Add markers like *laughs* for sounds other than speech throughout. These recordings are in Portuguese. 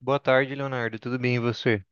Boa tarde, Leonardo. Tudo bem e você?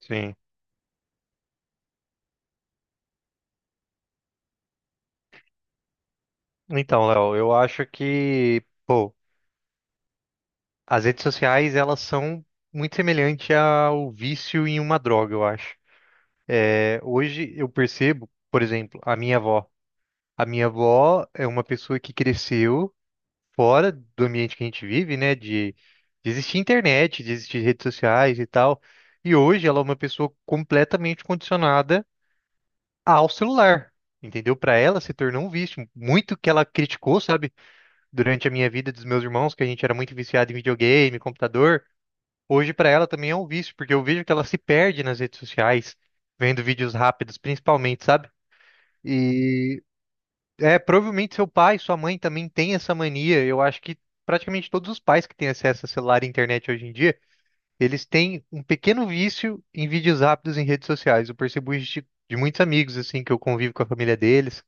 Sim. Então, Léo, eu acho que, pô, as redes sociais, elas são muito semelhantes ao vício em uma droga, eu acho. É, hoje eu percebo, por exemplo, a minha avó. A minha avó é uma pessoa que cresceu fora do ambiente que a gente vive, né? De existir internet, de existir redes sociais e tal. E hoje ela é uma pessoa completamente condicionada ao celular. Entendeu? Para ela se tornou um vício. Muito que ela criticou, sabe, durante a minha vida dos meus irmãos, que a gente era muito viciado em videogame, computador. Hoje para ela também é um vício, porque eu vejo que ela se perde nas redes sociais, vendo vídeos rápidos, principalmente, sabe? E é provavelmente seu pai, sua mãe também tem essa mania. Eu acho que praticamente todos os pais que têm acesso a celular e internet hoje em dia, eles têm um pequeno vício em vídeos rápidos em redes sociais. Eu percebo isso de muitos amigos assim que eu convivo com a família deles.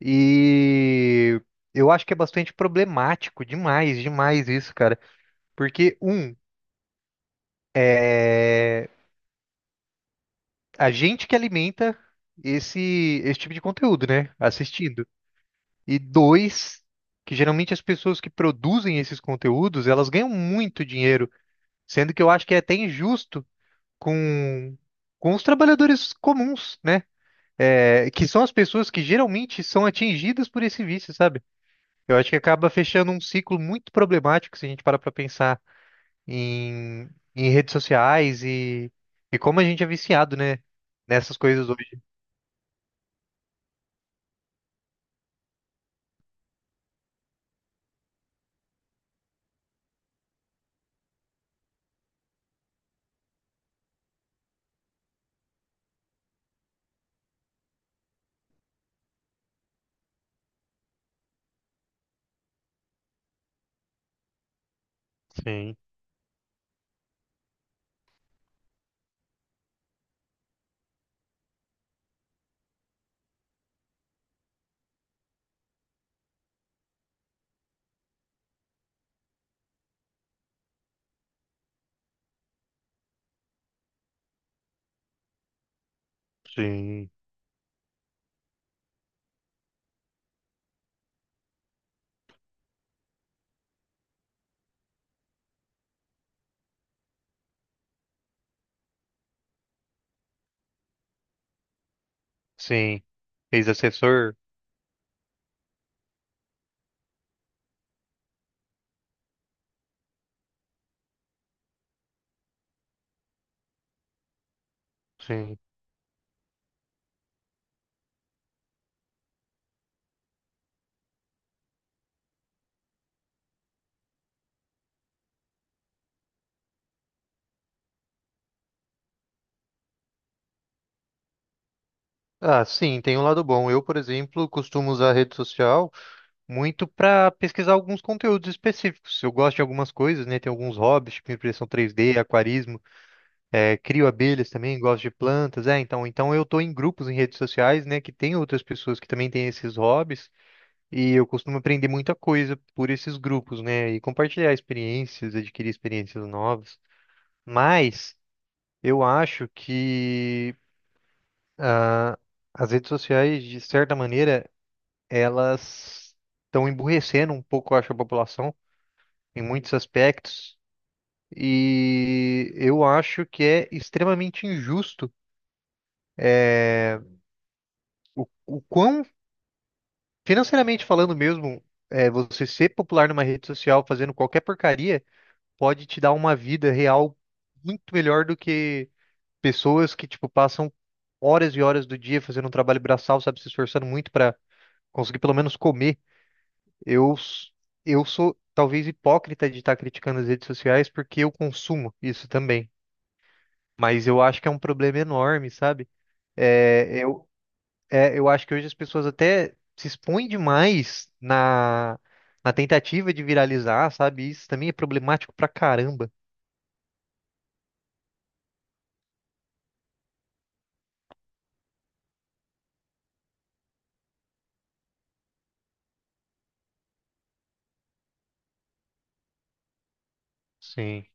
E eu acho que é bastante problemático, demais, demais isso, cara. Porque, um, a gente que alimenta esse tipo de conteúdo, né? Assistindo. E dois, que geralmente as pessoas que produzem esses conteúdos, elas ganham muito dinheiro, sendo que eu acho que é até injusto com, com os trabalhadores comuns, né? É, que são as pessoas que geralmente são atingidas por esse vício, sabe? Eu acho que acaba fechando um ciclo muito problemático se a gente parar pra pensar em, em redes sociais e como a gente é viciado, né? Nessas coisas hoje. Sim, sim, sim. Ex-assessor? Sim. Ah, sim, tem um lado bom. Eu, por exemplo, costumo usar a rede social muito para pesquisar alguns conteúdos específicos. Eu gosto de algumas coisas, né? Tem alguns hobbies, tipo impressão 3D, aquarismo, crio abelhas também, gosto de plantas. É, então, então eu tô em grupos em redes sociais, né? Que tem outras pessoas que também têm esses hobbies. E eu costumo aprender muita coisa por esses grupos, né? E compartilhar experiências, adquirir experiências novas. Mas eu acho que as redes sociais, de certa maneira, elas estão emburrecendo um pouco, eu acho, a população em muitos aspectos. E eu acho que é extremamente injusto, é, o quão, financeiramente falando mesmo, é, você ser popular numa rede social fazendo qualquer porcaria. Pode te dar uma vida real muito melhor do que pessoas que, tipo, passam horas e horas do dia fazendo um trabalho braçal, sabe, se esforçando muito para conseguir pelo menos comer. Eu, s- eu sou talvez hipócrita de estar criticando as redes sociais porque eu consumo isso também. Mas eu acho que é um problema enorme, sabe? É, eu, é, eu acho que hoje as pessoas até se expõem demais na, na tentativa de viralizar, sabe? Isso também é problemático pra caramba. Sim.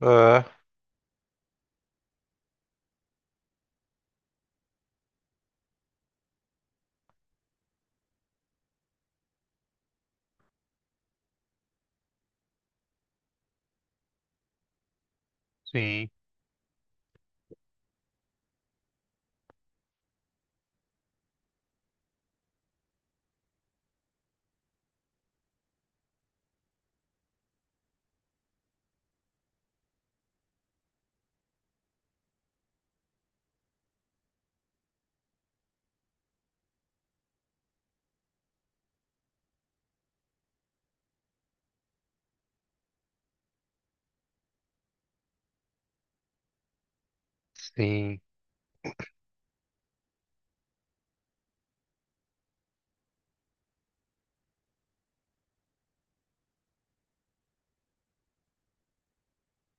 É. Sim, sim,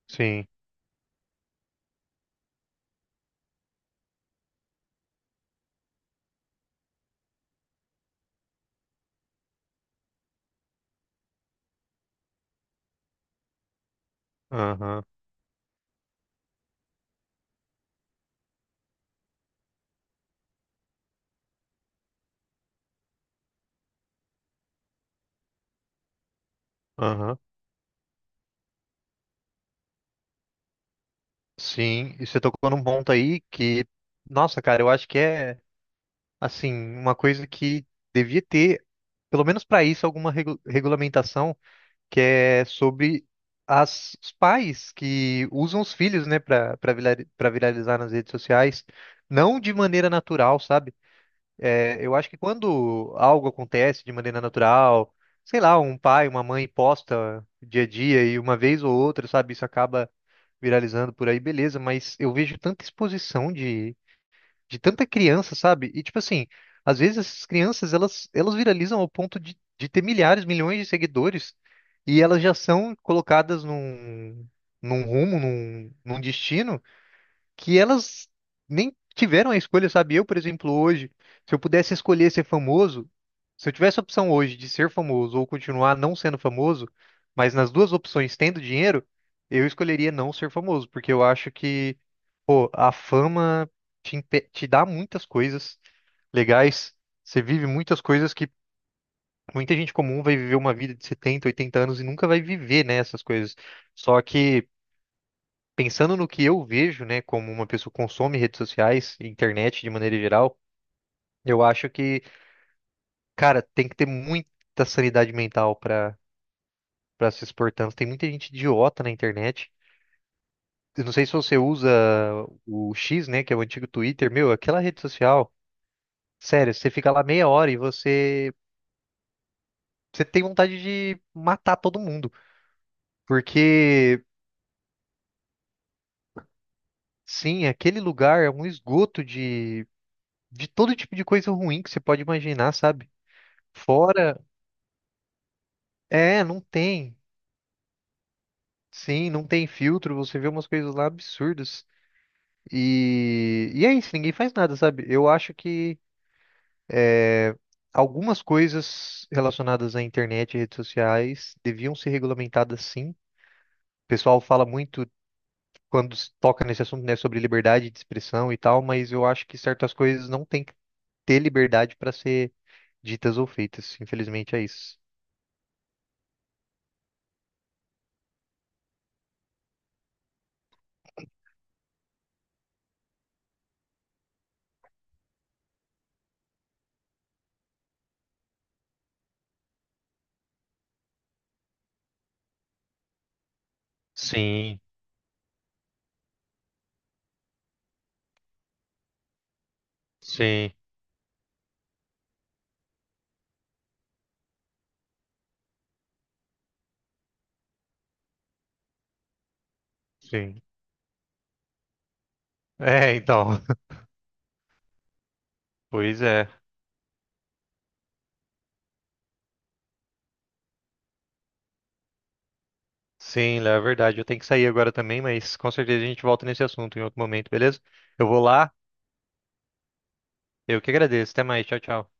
sim. Aham, aham. Sim, e você tocou num ponto aí que, nossa, cara, eu acho que é, assim, uma coisa que devia ter, pelo menos para isso, regulamentação que é sobre as, os pais que usam os filhos, né, para viralizar nas redes sociais, não de maneira natural, sabe? É, eu acho que quando algo acontece de maneira natural, sei lá, um pai, uma mãe posta dia a dia e uma vez ou outra, sabe, isso acaba viralizando por aí, beleza, mas eu vejo tanta exposição de tanta criança, sabe? E tipo assim, às vezes essas crianças, elas viralizam ao ponto de ter milhares, milhões de seguidores e elas já são colocadas num, num rumo, num, num destino que elas nem tiveram a escolha, sabe? Eu, por exemplo, hoje, se eu pudesse escolher ser famoso, se eu tivesse a opção hoje de ser famoso ou continuar não sendo famoso, mas nas duas opções tendo dinheiro, eu escolheria não ser famoso, porque eu acho que, pô, a fama te dá muitas coisas legais, você vive muitas coisas que muita gente comum vai viver uma vida de 70, 80 anos e nunca vai viver, né, essas coisas. Só que pensando no que eu vejo, né, como uma pessoa que consome redes sociais, internet de maneira geral, eu acho que, cara, tem que ter muita sanidade mental para se expor tanto. Tem muita gente idiota na internet. Eu não sei se você usa o X, né, que é o antigo Twitter, meu, aquela rede social. Sério, você fica lá meia hora e você tem vontade de matar todo mundo, porque sim, aquele lugar é um esgoto de todo tipo de coisa ruim que você pode imaginar, sabe? Fora é, não tem. Sim, não tem filtro, você vê umas coisas lá absurdas. E é isso, ninguém faz nada, sabe? Eu acho que é, algumas coisas relacionadas à internet e redes sociais deviam ser regulamentadas sim. O pessoal fala muito quando se toca nesse assunto, né, sobre liberdade de expressão e tal, mas eu acho que certas coisas não têm que ter liberdade para ser ditas ou feitas. Infelizmente é isso. Sim, sim, sim. É, então. *laughs* Pois é. Sim, Léo, é verdade. Eu tenho que sair agora também, mas com certeza a gente volta nesse assunto em outro momento, beleza? Eu vou lá, eu que agradeço. Até mais, tchau, tchau.